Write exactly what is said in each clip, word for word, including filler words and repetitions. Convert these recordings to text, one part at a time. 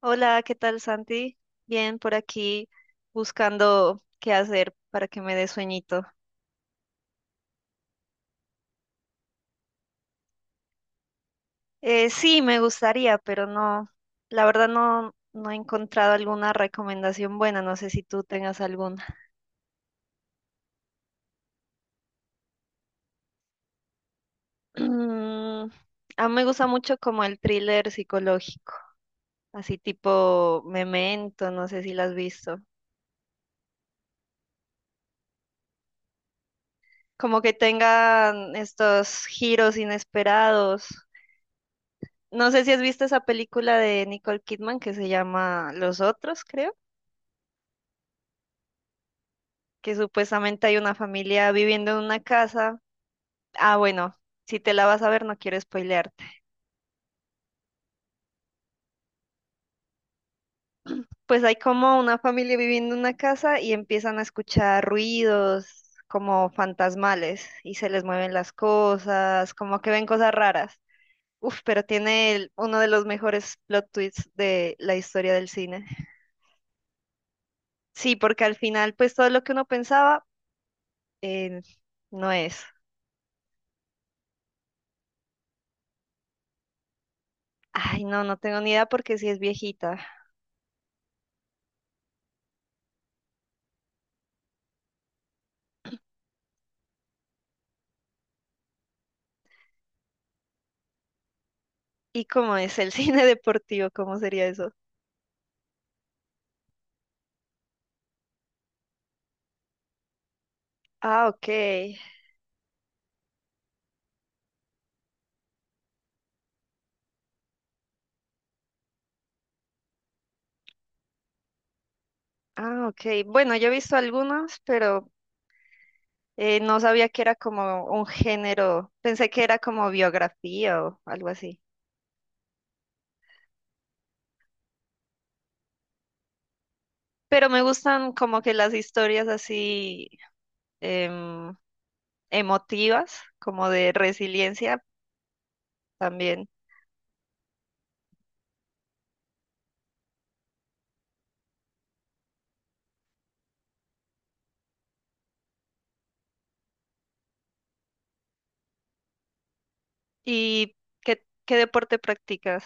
Hola, ¿qué tal, Santi? Bien, por aquí buscando qué hacer para que me dé sueñito. Eh, sí, me gustaría, pero no, la verdad no, no he encontrado alguna recomendación buena, no sé si tú tengas alguna. Mm, a mí me gusta mucho como el thriller psicológico, así tipo Memento, no sé si la has visto. Como que tengan estos giros inesperados. No sé si has visto esa película de Nicole Kidman que se llama Los Otros, creo. Que supuestamente hay una familia viviendo en una casa. Ah, bueno, si te la vas a ver, no quiero spoilearte. Pues hay como una familia viviendo en una casa y empiezan a escuchar ruidos como fantasmales y se les mueven las cosas, como que ven cosas raras. Uf, pero tiene el- uno de los mejores plot twists de la historia del cine. Sí, porque al final, pues todo lo que uno pensaba, eh, no es. Ay, no, no tengo ni idea porque sí es viejita. ¿Y cómo es el cine deportivo? ¿Cómo sería eso? Ah, ok. Ah, ok. Bueno, yo he visto algunos, pero eh, no sabía que era como un género. Pensé que era como biografía o algo así. Pero me gustan como que las historias así em, emotivas, como de resiliencia también. ¿Y qué, qué deporte practicas?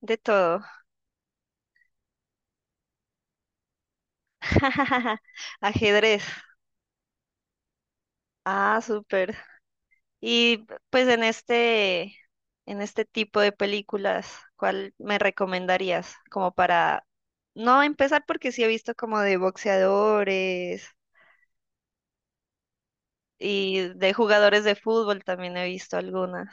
De todo. Ajedrez. Ah, súper. Y pues en este, en este tipo de películas, ¿cuál me recomendarías? Como para no empezar, porque sí he visto como de boxeadores y de jugadores de fútbol también he visto algunas.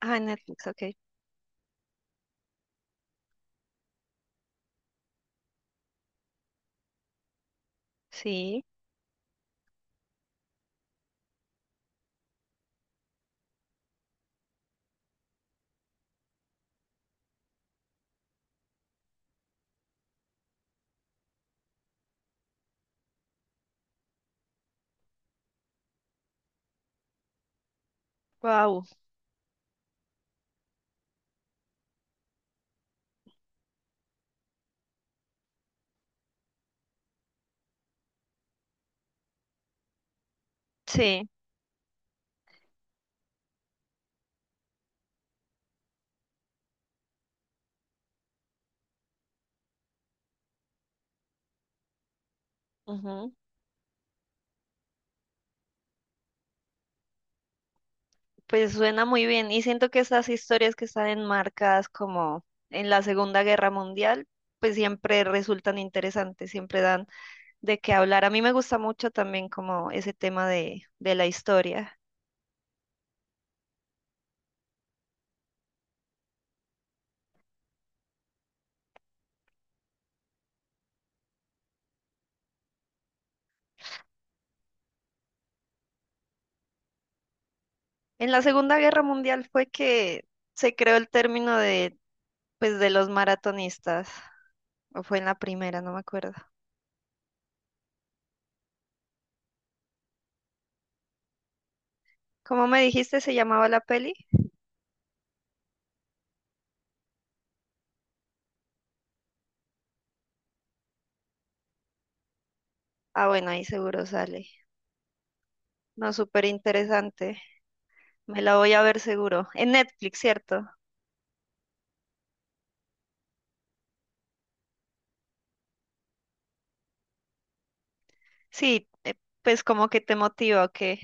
Ah, en Netflix, ok. Sí. Wow. Sí. Ujú. Pues suena muy bien. Y siento que estas historias que están enmarcadas como en la Segunda Guerra Mundial, pues siempre resultan interesantes, siempre dan de qué hablar. A mí me gusta mucho también como ese tema de, de la historia. En la Segunda Guerra Mundial fue que se creó el término de, pues, de los maratonistas, o fue en la primera, no me acuerdo. ¿Cómo me dijiste se llamaba la peli? Ah, bueno, ahí seguro sale. No, súper interesante. Me la voy a ver seguro. En Netflix, ¿cierto? Sí, eh, pues como que te motiva, ¿o qué?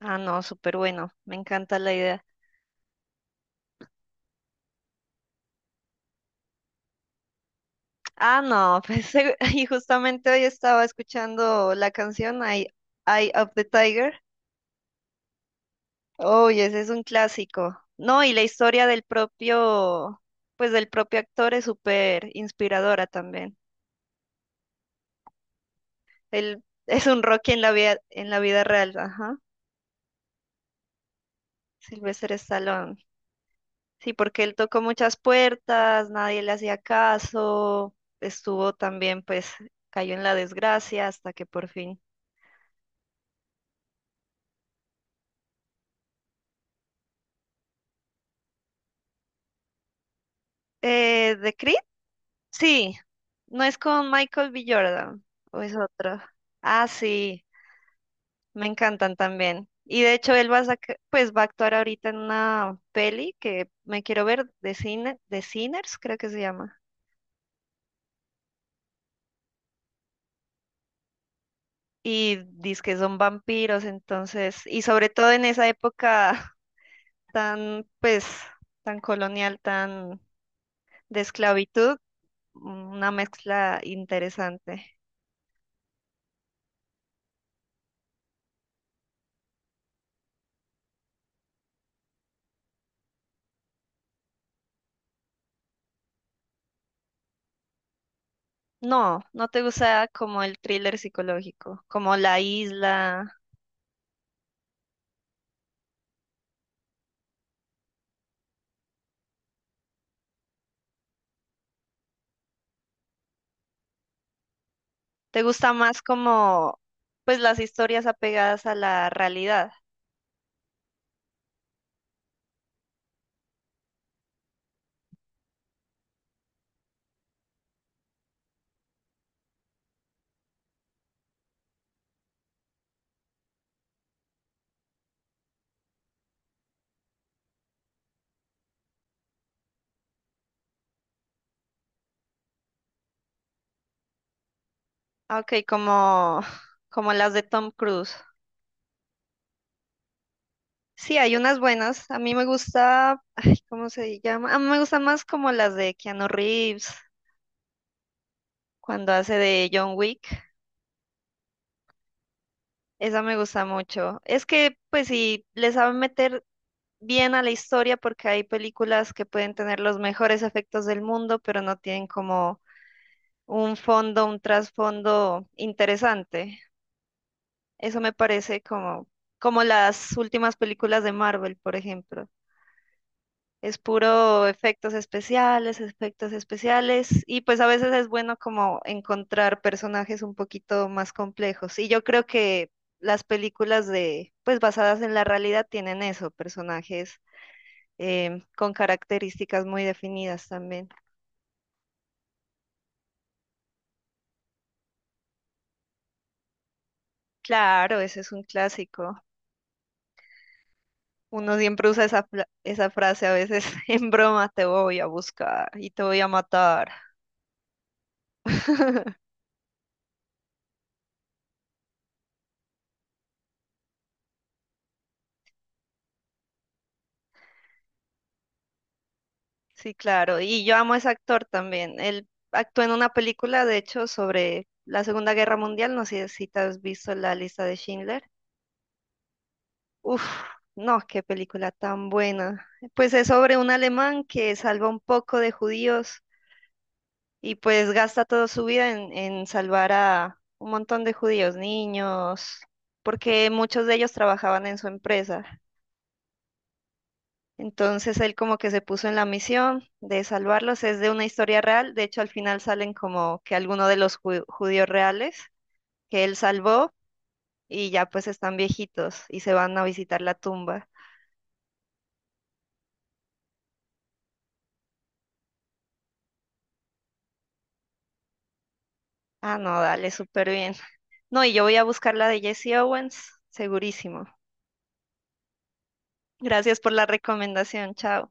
Ah, no, súper bueno. Me encanta la idea. Ah, no, pues y justamente hoy estaba escuchando la canción Eye, Eye of the Tiger. Oh, y ese es un clásico. No, y la historia del propio, pues del propio actor es súper inspiradora también. Él es un Rocky en la vida, en la vida real, ajá. Sylvester Stallone. Sí, porque él tocó muchas puertas, nadie le hacía caso, estuvo también, pues, cayó en la desgracia hasta que por fin. Eh, ¿de Creed? Sí, ¿no es con Michael B. Jordan, o es otro? Ah, sí, me encantan también. Y de hecho él va a saca- pues va a actuar ahorita en una peli que me quiero ver de cine, de Sinners, creo que se llama. Y dice que son vampiros, entonces, y sobre todo en esa época tan, pues, tan colonial, tan de esclavitud, mm, una mezcla interesante. ¿No, no te gusta como el thriller psicológico, como La Isla? ¿Te gusta más como, pues, las historias apegadas a la realidad? Ah, ok, como como las de Tom Cruise. Sí, hay unas buenas. A mí me gusta, ay, ¿cómo se llama? A mí me gusta más como las de Keanu Reeves, cuando hace de John Wick. Esa me gusta mucho. Es que, pues, sí, le saben meter bien a la historia, porque hay películas que pueden tener los mejores efectos del mundo, pero no tienen como un fondo, un trasfondo interesante. Eso me parece como, como las últimas películas de Marvel, por ejemplo. Es puro efectos especiales, efectos especiales, y pues a veces es bueno como encontrar personajes un poquito más complejos. Y yo creo que las películas de, pues basadas en la realidad tienen eso, personajes em, con características muy definidas también. Claro, ese es un clásico. Uno siempre usa esa, fla- esa frase a veces en broma: te voy a buscar y te voy a matar. Sí, claro. Y yo amo a ese actor también. Él actuó en una película, de hecho, sobre la Segunda Guerra Mundial. No sé si te has visto La Lista de Schindler. Uf, no, qué película tan buena. Pues es sobre un alemán que salva un poco de judíos y pues gasta toda su vida en, en salvar a un montón de judíos, niños, porque muchos de ellos trabajaban en su empresa. Entonces él como que se puso en la misión de salvarlos. Es de una historia real. De hecho, al final salen como que algunos de los ju- judíos reales que él salvó y ya pues están viejitos y se van a visitar la tumba. Ah, no, dale, súper bien. No, y yo voy a buscar la de Jesse Owens, segurísimo. Gracias por la recomendación. Chao.